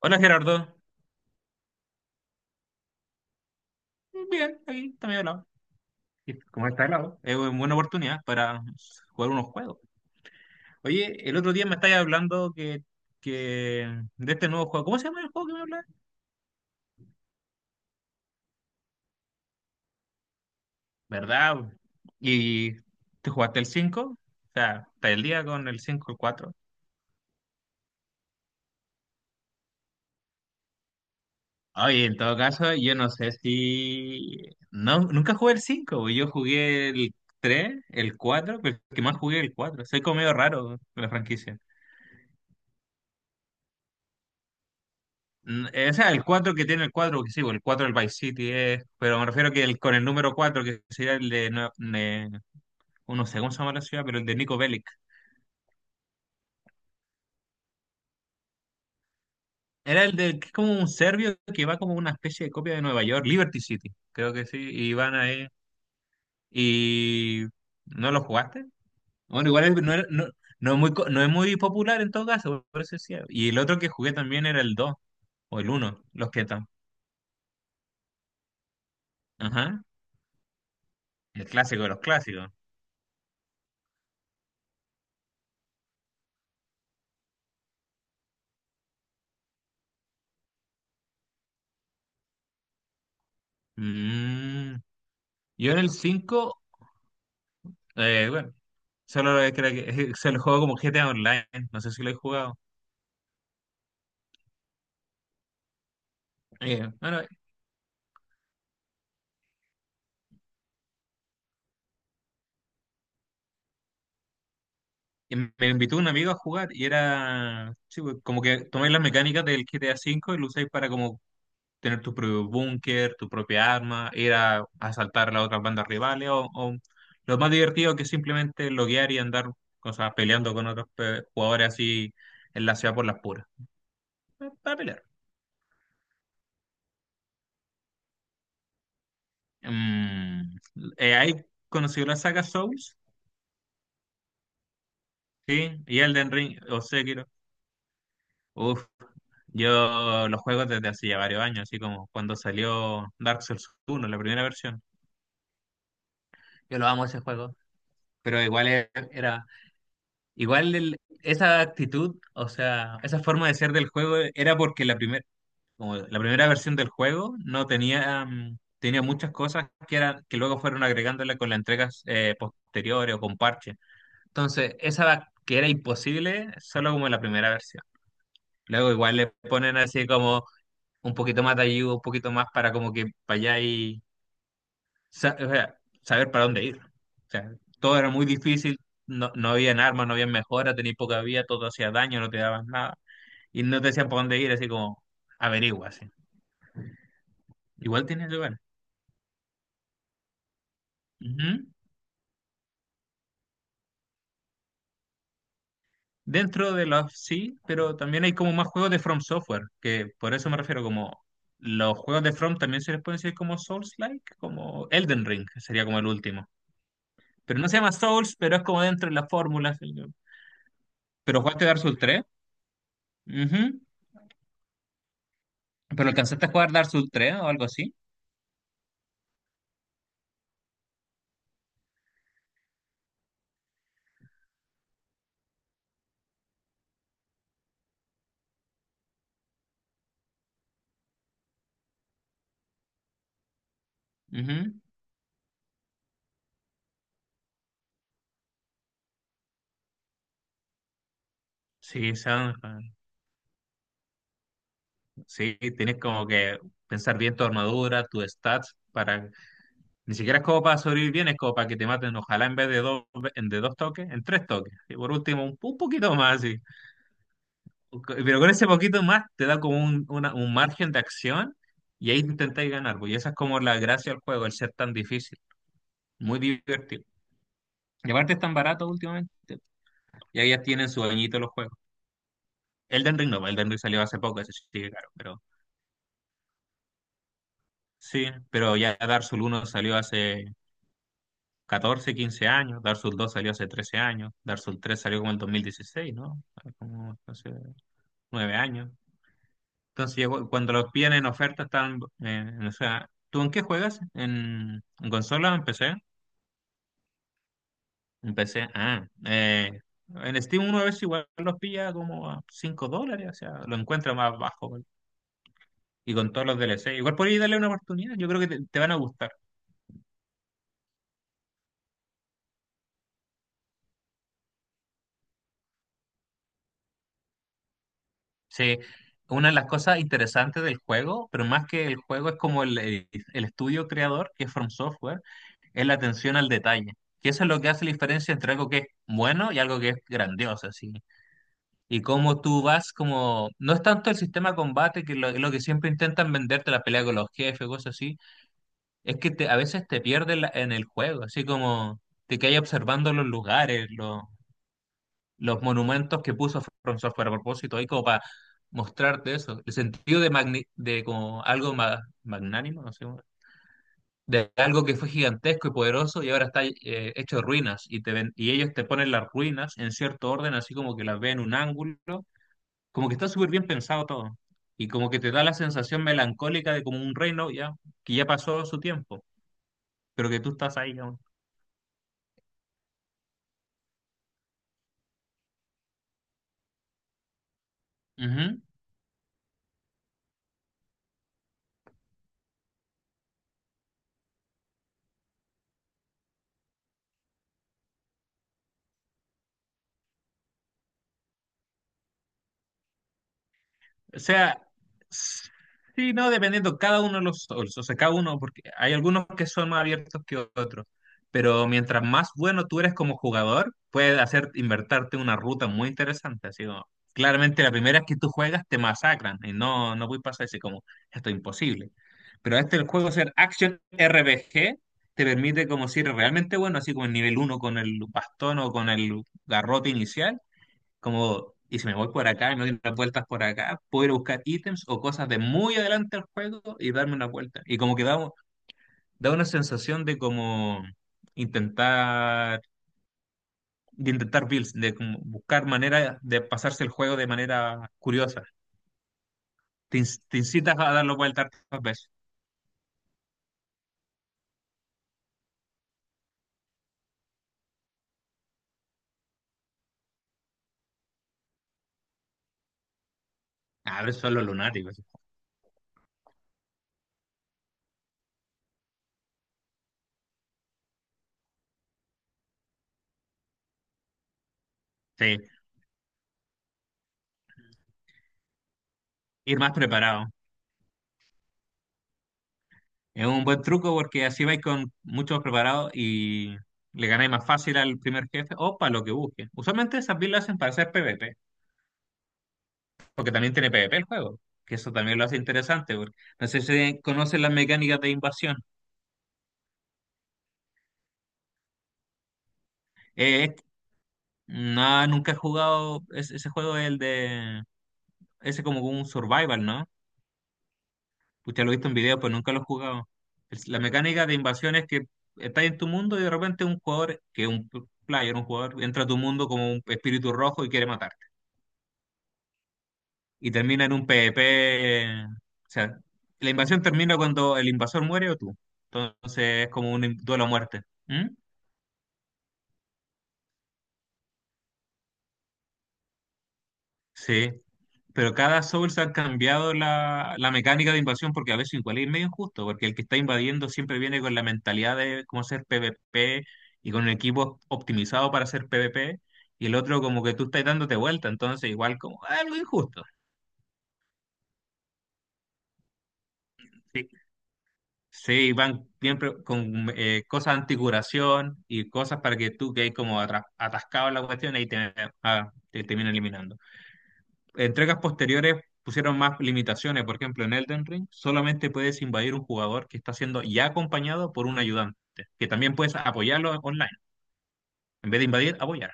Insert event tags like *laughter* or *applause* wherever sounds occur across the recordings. Hola Gerardo, bien, aquí también hablado. Y como está hablado, es una buena oportunidad para jugar unos juegos. Oye, el otro día me estabas hablando que de este nuevo juego. ¿Cómo se llama el juego que me hablas? ¿Verdad? ¿Y te jugaste el cinco? O sea, ¿está el día con el 5, el cuatro? Oye, en todo caso, yo no sé si. No, nunca jugué el 5, yo jugué el 3, el 4, pero el que más jugué el 4. Soy como medio raro con la franquicia. O sea, el 4 que tiene el 4, que sí, bueno, el 4 del Vice City es, pero me refiero que el, con el número 4 que sería el de, oh, no sé cómo se llama la ciudad, pero el de Nico Bellic. Era el de, que es como un serbio que va como una especie de copia de Nueva York, Liberty City, creo que sí, y van ahí, y ¿no lo jugaste? Bueno, igual no, no, no es muy, no es muy popular en todo caso, por eso decía. Y el otro que jugué también era el 2 o el uno los que están, ajá, el clásico de los clásicos. Mm. Yo en el cinco. Bueno, solo lo que creo que *laughs* se lo juego como GTA Online, no sé si lo he jugado. Bueno, y me invitó un amigo a jugar y era sí, pues, como que tomáis las mecánicas del GTA V y lo usáis para como tener tu propio búnker, tu propia arma, ir a asaltar a las otras bandas rivales o lo más divertido que es simplemente loguear y andar cosas peleando con otros jugadores así en la ciudad por las puras. Para pelear. Mm, ahí conocí la saga Souls, sí, y Elden Ring o sé. Uf, yo los juego desde hace ya varios años, así como cuando salió Dark Souls uno, la primera versión. Yo lo amo ese juego, pero igual era, igual esa actitud, o sea, esa forma de ser del juego era porque la primera, como la primera versión del juego no tenía, tenía muchas cosas que eran, que luego fueron agregándole con las entregas posteriores o con parches. Entonces, esa que era imposible solo como en la primera versión. Luego igual le ponen así como un poquito más de ayuda, un poquito más para como que para allá y o sea, saber para dónde ir. O sea, todo era muy difícil, no, no habían armas, no habían mejoras, tenías poca vida, todo hacía daño, no te daban nada. Y no te decían para dónde ir, así como averigua, así. Igual tienes lugar. Ujú. Dentro de los sí, pero también hay como más juegos de From Software, que por eso me refiero como los juegos de From también se les puede decir como Souls-like, como Elden Ring, que sería como el último. Pero no se llama Souls, pero es como dentro de las fórmulas. Pero jugaste Dark Souls tres. Ujú. Pero alcanzaste a jugar Dark Souls tres o algo así. Ujú. Sí, son- sí, tienes como que pensar bien tu armadura, tus stats, para ni siquiera es como para sobrevivir bien, es como para que te maten, ojalá en vez de dos, en de dos toques, en tres toques. Y por último, un poquito más, sí. Pero con ese poquito más te da como un margen de acción y ahí intentáis ganar, pues. Y esa es como la gracia del juego, el ser tan difícil, muy divertido. Y aparte es tan barato últimamente. Y ahí ya tienen su bañito los juegos. Elden Ring no, Elden Ring salió hace poco, ese sí sigue caro, pero sí, pero ya Dark Souls uno salió hace 14 15 años, Dark Souls dos salió hace 13 años, Dark Souls tres salió como en el 2016, ¿no? Como hace 9 años. Entonces, cuando los piden en oferta están, o sea, ¿tú en qué juegas? En consola o en PC? En PC, ah, en Steam uno a veces igual los pilla como a $5, o sea, lo encuentra más bajo. ¿Vale? Y con todos los DLC, igual podéis darle una oportunidad, yo creo que te van a gustar. Sí, una de las cosas interesantes del juego, pero más que el juego es como el estudio creador, que es From Software, es la atención al detalle. Que eso es lo que hace la diferencia entre algo que es bueno y algo que es grandioso, así. Y cómo tú vas como. No es tanto el sistema de combate, que lo que siempre intentan venderte la pelea con los jefes, cosas así, es que te, a veces te pierdes en el juego, así como te quedas observando los lugares, los monumentos que puso From Software a propósito ahí como para mostrarte eso, el sentido de, de como algo magnánimo, no sé, de algo que fue gigantesco y poderoso y ahora está hecho de ruinas y, te ven, y ellos te ponen las ruinas en cierto orden, así como que las ven en un ángulo, como que está súper bien pensado todo y como que te da la sensación melancólica de como un reino ya que ya pasó su tiempo, pero que tú estás ahí aún. Ujú. O sea, sí, no, dependiendo cada uno de los Souls, o sea, cada uno, porque hay algunos que son más abiertos que otros, pero mientras más bueno tú eres como jugador, puedes hacer invertarte una ruta muy interesante, así como, claramente la primera vez que tú juegas te masacran y no, no voy a pasar así como, esto es imposible. Pero este el juego ser Action RPG te permite como si eres realmente bueno, así como el nivel uno con el bastón o con el garrote inicial como, y si me voy por acá y me doy unas vueltas por acá, puedo ir a buscar ítems o cosas de muy adelante del juego y darme una vuelta. Y como que da, da una sensación de como intentar, de intentar builds, de como buscar maneras de pasarse el juego de manera curiosa. Te incitas a darlo vueltas tantas veces. A ver, son los lunáticos. Sí, ir más preparado. Es un buen truco porque así vais con muchos preparados y le ganáis más fácil al primer jefe o para lo que busquen. Usualmente esas builds las hacen para hacer PvP. Porque también tiene PvP el juego, que eso también lo hace interesante, porque no sé si conocen las mecánicas de invasión. Eh, no, nunca he jugado ese juego, el de. Ese como un survival, ¿no? Usted lo he visto en video, pues nunca lo he jugado. La mecánica de invasión es que estás en tu mundo y de repente un jugador, que es un player, un jugador, entra a tu mundo como un espíritu rojo y quiere matarte. Y termina en un PvP. O sea, la invasión termina cuando el invasor muere o tú. Entonces es como un duelo a muerte. ¿Mm? Sí, pero cada Souls han cambiado la mecánica de invasión porque a veces igual es medio injusto, porque el que está invadiendo siempre viene con la mentalidad de cómo hacer PvP y con un equipo optimizado para hacer PvP, y el otro como que tú estás dándote vuelta, entonces igual como algo injusto. Sí, sí, van siempre con cosas anticuración y cosas para que tú que hay como atascado en la cuestión, ahí te, ah, te termina eliminando. Entregas posteriores pusieron más limitaciones. Por ejemplo, en Elden Ring solamente puedes invadir un jugador que está siendo ya acompañado por un ayudante, que también puedes apoyarlo online. En vez de invadir, apoyar.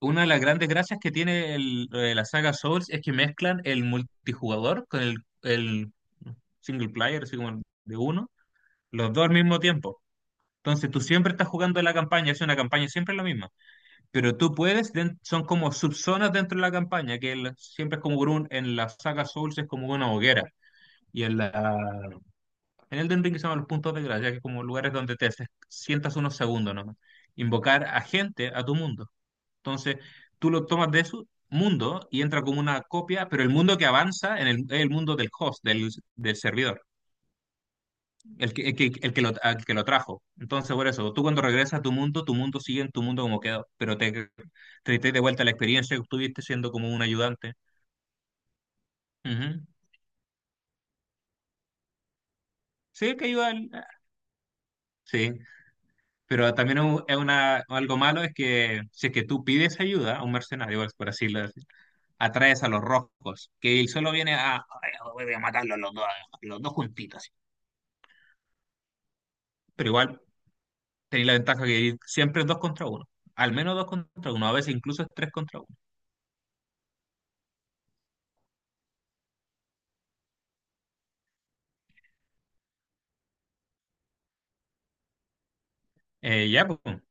Una de las grandes gracias que tiene la saga Souls es que mezclan el multijugador con el single player, así como el de uno, los dos al mismo tiempo. Entonces tú siempre estás jugando la campaña, es una campaña siempre la misma. Pero tú puedes, son como subzonas dentro de la campaña, que siempre es como por un, en la saga Souls es como una hoguera. Y en la, en Elden Ring se llaman los puntos de gracia, que es como lugares donde te sientas unos segundos nomás. Invocar a gente a tu mundo. Entonces, tú lo tomas de su mundo y entra como una copia, pero el mundo que avanza en el, es el mundo del host, del servidor el que, el que, el que lo, al que lo trajo. Entonces, por eso, tú cuando regresas a tu mundo sigue en tu mundo como quedó, pero te traes de vuelta la experiencia que tuviste siendo como un ayudante. Ujú. Sí, que ayuda, sí, pero también es una, algo malo es que si es que tú pides ayuda a un mercenario, por así lo decir, atraes a los rojos, que él solo viene a, "Ay, no, voy a matarlos los dos juntitos". Así. Pero igual tenéis la ventaja que siempre es dos contra uno, al menos dos contra uno, a veces incluso es tres contra uno. Ya, pues.